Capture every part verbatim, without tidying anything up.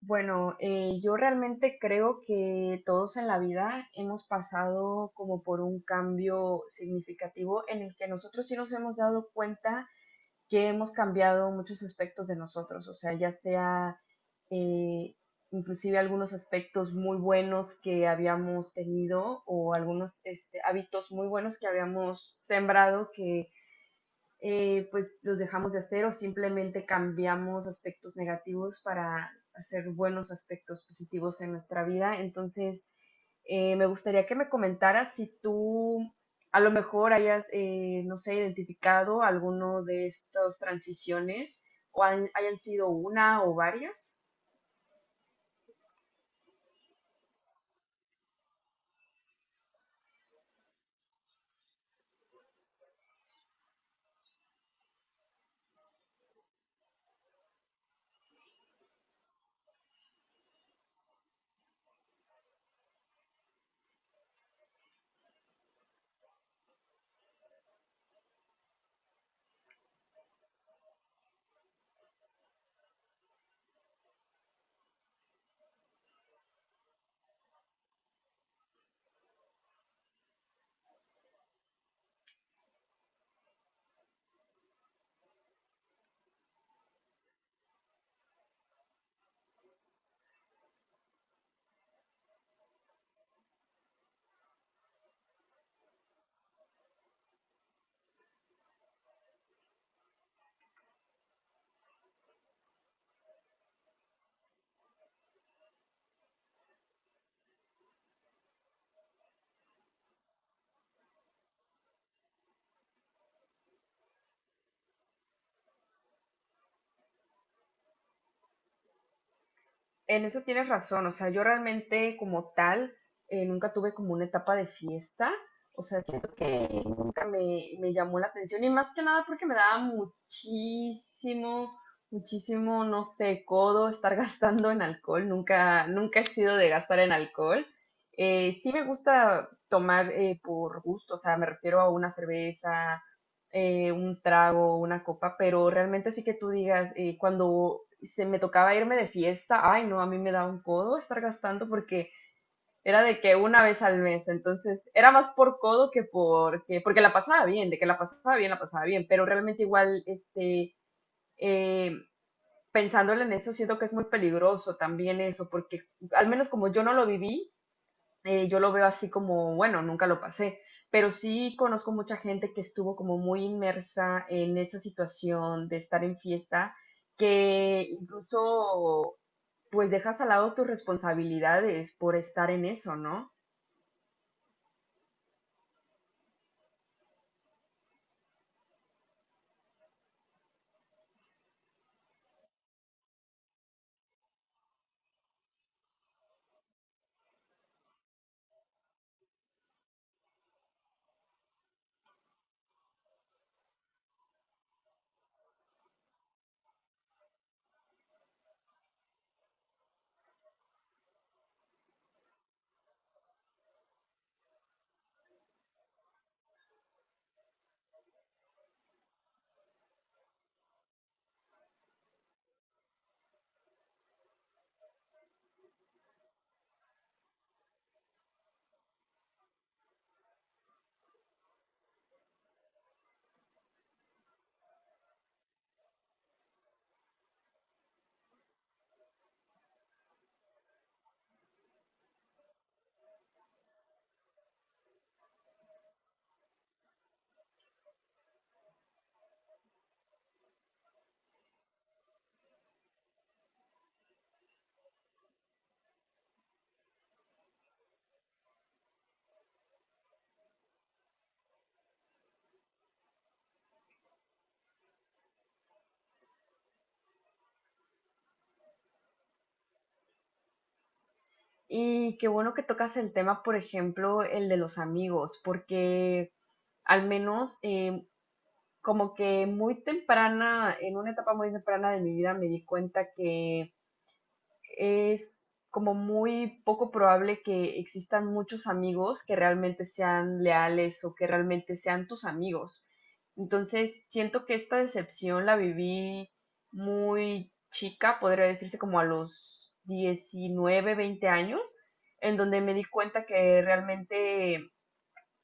Bueno, eh, yo realmente creo que todos en la vida hemos pasado como por un cambio significativo en el que nosotros sí nos hemos dado cuenta que hemos cambiado muchos aspectos de nosotros, o sea, ya sea eh, inclusive algunos aspectos muy buenos que habíamos tenido o algunos este, hábitos muy buenos que habíamos sembrado que eh, pues los dejamos de hacer o simplemente cambiamos aspectos negativos para hacer buenos aspectos positivos en nuestra vida. Entonces, eh, me gustaría que me comentaras si tú a lo mejor hayas, eh, no sé, identificado alguno de estas transiciones o han- hayan sido una o varias. En eso tienes razón, o sea, yo realmente como tal eh, nunca tuve como una etapa de fiesta, o sea, sí nunca me, me llamó la atención y más que nada porque me daba muchísimo, muchísimo, no sé, codo estar gastando en alcohol. Nunca, nunca he sido de gastar en alcohol. Eh, sí me gusta tomar eh, por gusto, o sea, me refiero a una cerveza, eh, un trago, una copa, pero realmente sí que tú digas, eh, cuando se me tocaba irme de fiesta, ay no, a mí me da un codo estar gastando porque era de que una vez al mes, entonces era más por codo que porque, porque la pasaba bien, de que la pasaba bien, la pasaba bien, pero realmente igual, este, eh, pensándole en eso, siento que es muy peligroso también eso, porque al menos como yo no lo viví, eh, yo lo veo así como, bueno, nunca lo pasé, pero sí conozco mucha gente que estuvo como muy inmersa en esa situación de estar en fiesta, que incluso pues dejas al lado tus responsabilidades por estar en eso, ¿no? Y qué bueno que tocas el tema, por ejemplo, el de los amigos, porque al menos eh, como que muy temprana, en una etapa muy temprana de mi vida me di cuenta que es como muy poco probable que existan muchos amigos que realmente sean leales o que realmente sean tus amigos. Entonces, siento que esta decepción la viví muy chica, podría decirse como a los diecinueve veinte años, en donde me di cuenta que realmente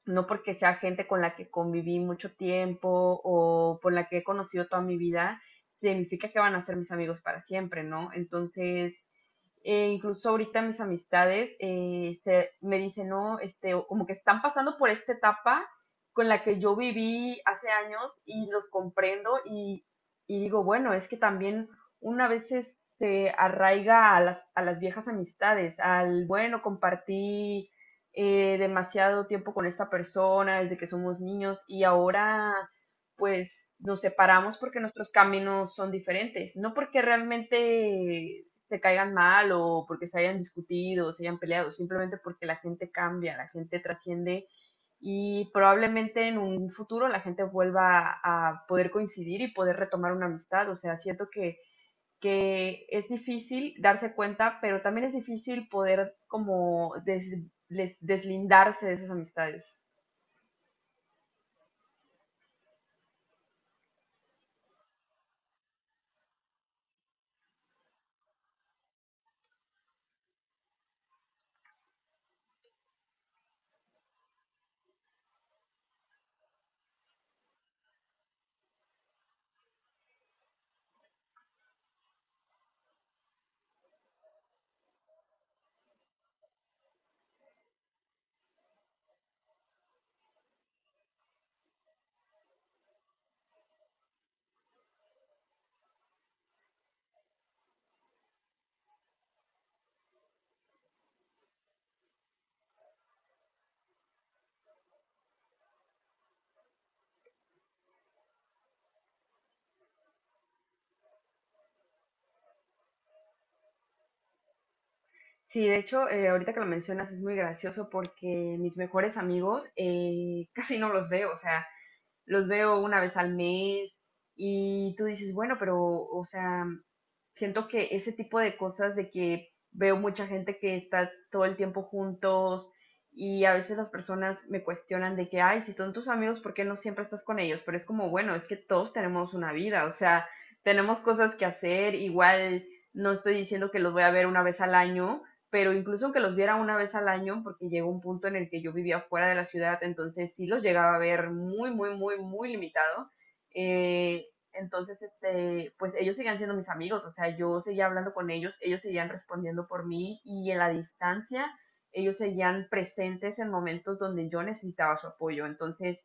no porque sea gente con la que conviví mucho tiempo o por la que he conocido toda mi vida, significa que van a ser mis amigos para siempre, ¿no? Entonces, eh, incluso ahorita mis amistades eh, se, me dicen, no, este, como que están pasando por esta etapa con la que yo viví hace años y los comprendo y, y digo, bueno, es que también una vez se arraiga a las, a las viejas amistades, al, bueno, compartí eh, demasiado tiempo con esta persona desde que somos niños y ahora pues nos separamos porque nuestros caminos son diferentes, no porque realmente se caigan mal o porque se hayan discutido o se hayan peleado, simplemente porque la gente cambia, la gente trasciende y probablemente en un futuro la gente vuelva a poder coincidir y poder retomar una amistad. O sea, siento que, que es difícil darse cuenta, pero también es difícil poder como des- les- deslindarse de esas amistades. Sí, de hecho, eh, ahorita que lo mencionas es muy gracioso porque mis mejores amigos eh, casi no los veo, o sea, los veo una vez al mes y tú dices, bueno, pero, o sea, siento que ese tipo de cosas de que veo mucha gente que está todo el tiempo juntos y a veces las personas me cuestionan de que, ay, si son tus amigos, ¿por qué no siempre estás con ellos? Pero es como, bueno, es que todos tenemos una vida, o sea, tenemos cosas que hacer, igual no estoy diciendo que los voy a ver una vez al año pero incluso aunque los viera una vez al año, porque llegó un punto en el que yo vivía fuera de la ciudad, entonces sí los llegaba a ver muy, muy, muy, muy limitado. Eh, entonces, este, pues ellos seguían siendo mis amigos, o sea, yo seguía hablando con ellos, ellos seguían respondiendo por mí y en la distancia ellos seguían presentes en momentos donde yo necesitaba su apoyo. Entonces,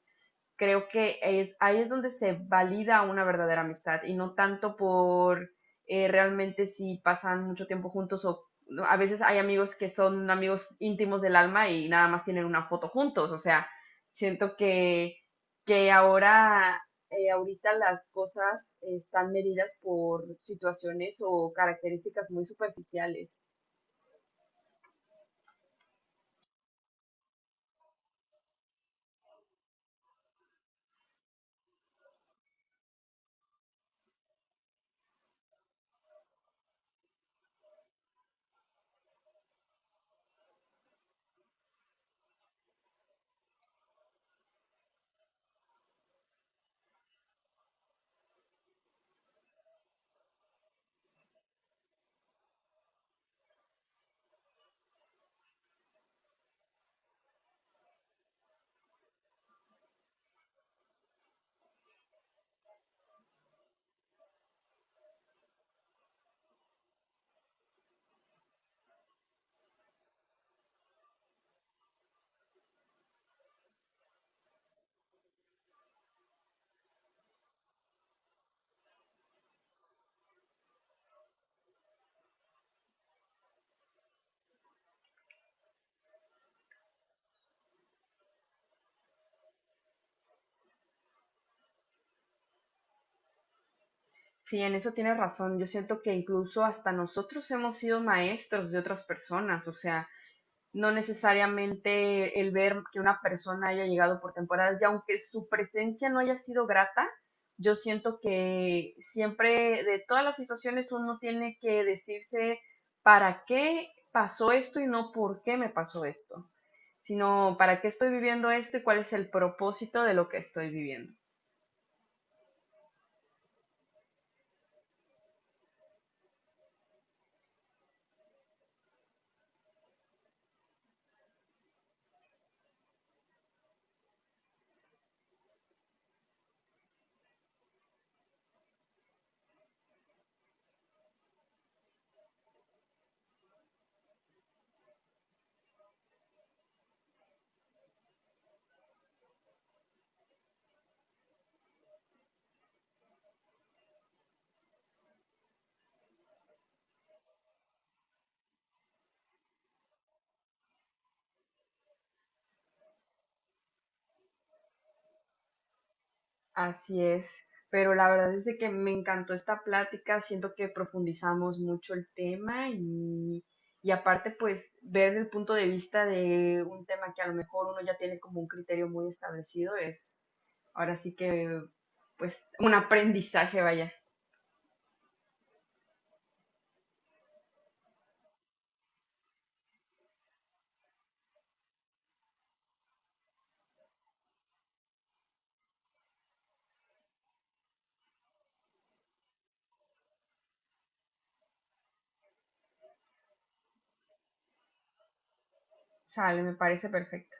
creo que es, ahí es donde se valida una verdadera amistad y no tanto por eh, realmente si pasan mucho tiempo juntos o no, a veces hay amigos que son amigos íntimos del alma y nada más tienen una foto juntos, o sea, siento que, que ahora, eh, ahorita las cosas están medidas por situaciones o características muy superficiales. Sí, en eso tienes razón, yo siento que incluso hasta nosotros hemos sido maestros de otras personas, o sea, no necesariamente el ver que una persona haya llegado por temporadas y aunque su presencia no haya sido grata, yo siento que siempre de todas las situaciones uno tiene que decirse para qué pasó esto y no por qué me pasó esto, sino para qué estoy viviendo esto y cuál es el propósito de lo que estoy viviendo. Así es, pero la verdad es de que me encantó esta plática, siento que profundizamos mucho el tema y, y aparte pues ver el punto de vista de un tema que a lo mejor uno ya tiene como un criterio muy establecido es ahora sí que pues un aprendizaje, vaya. Sale, me parece perfecto.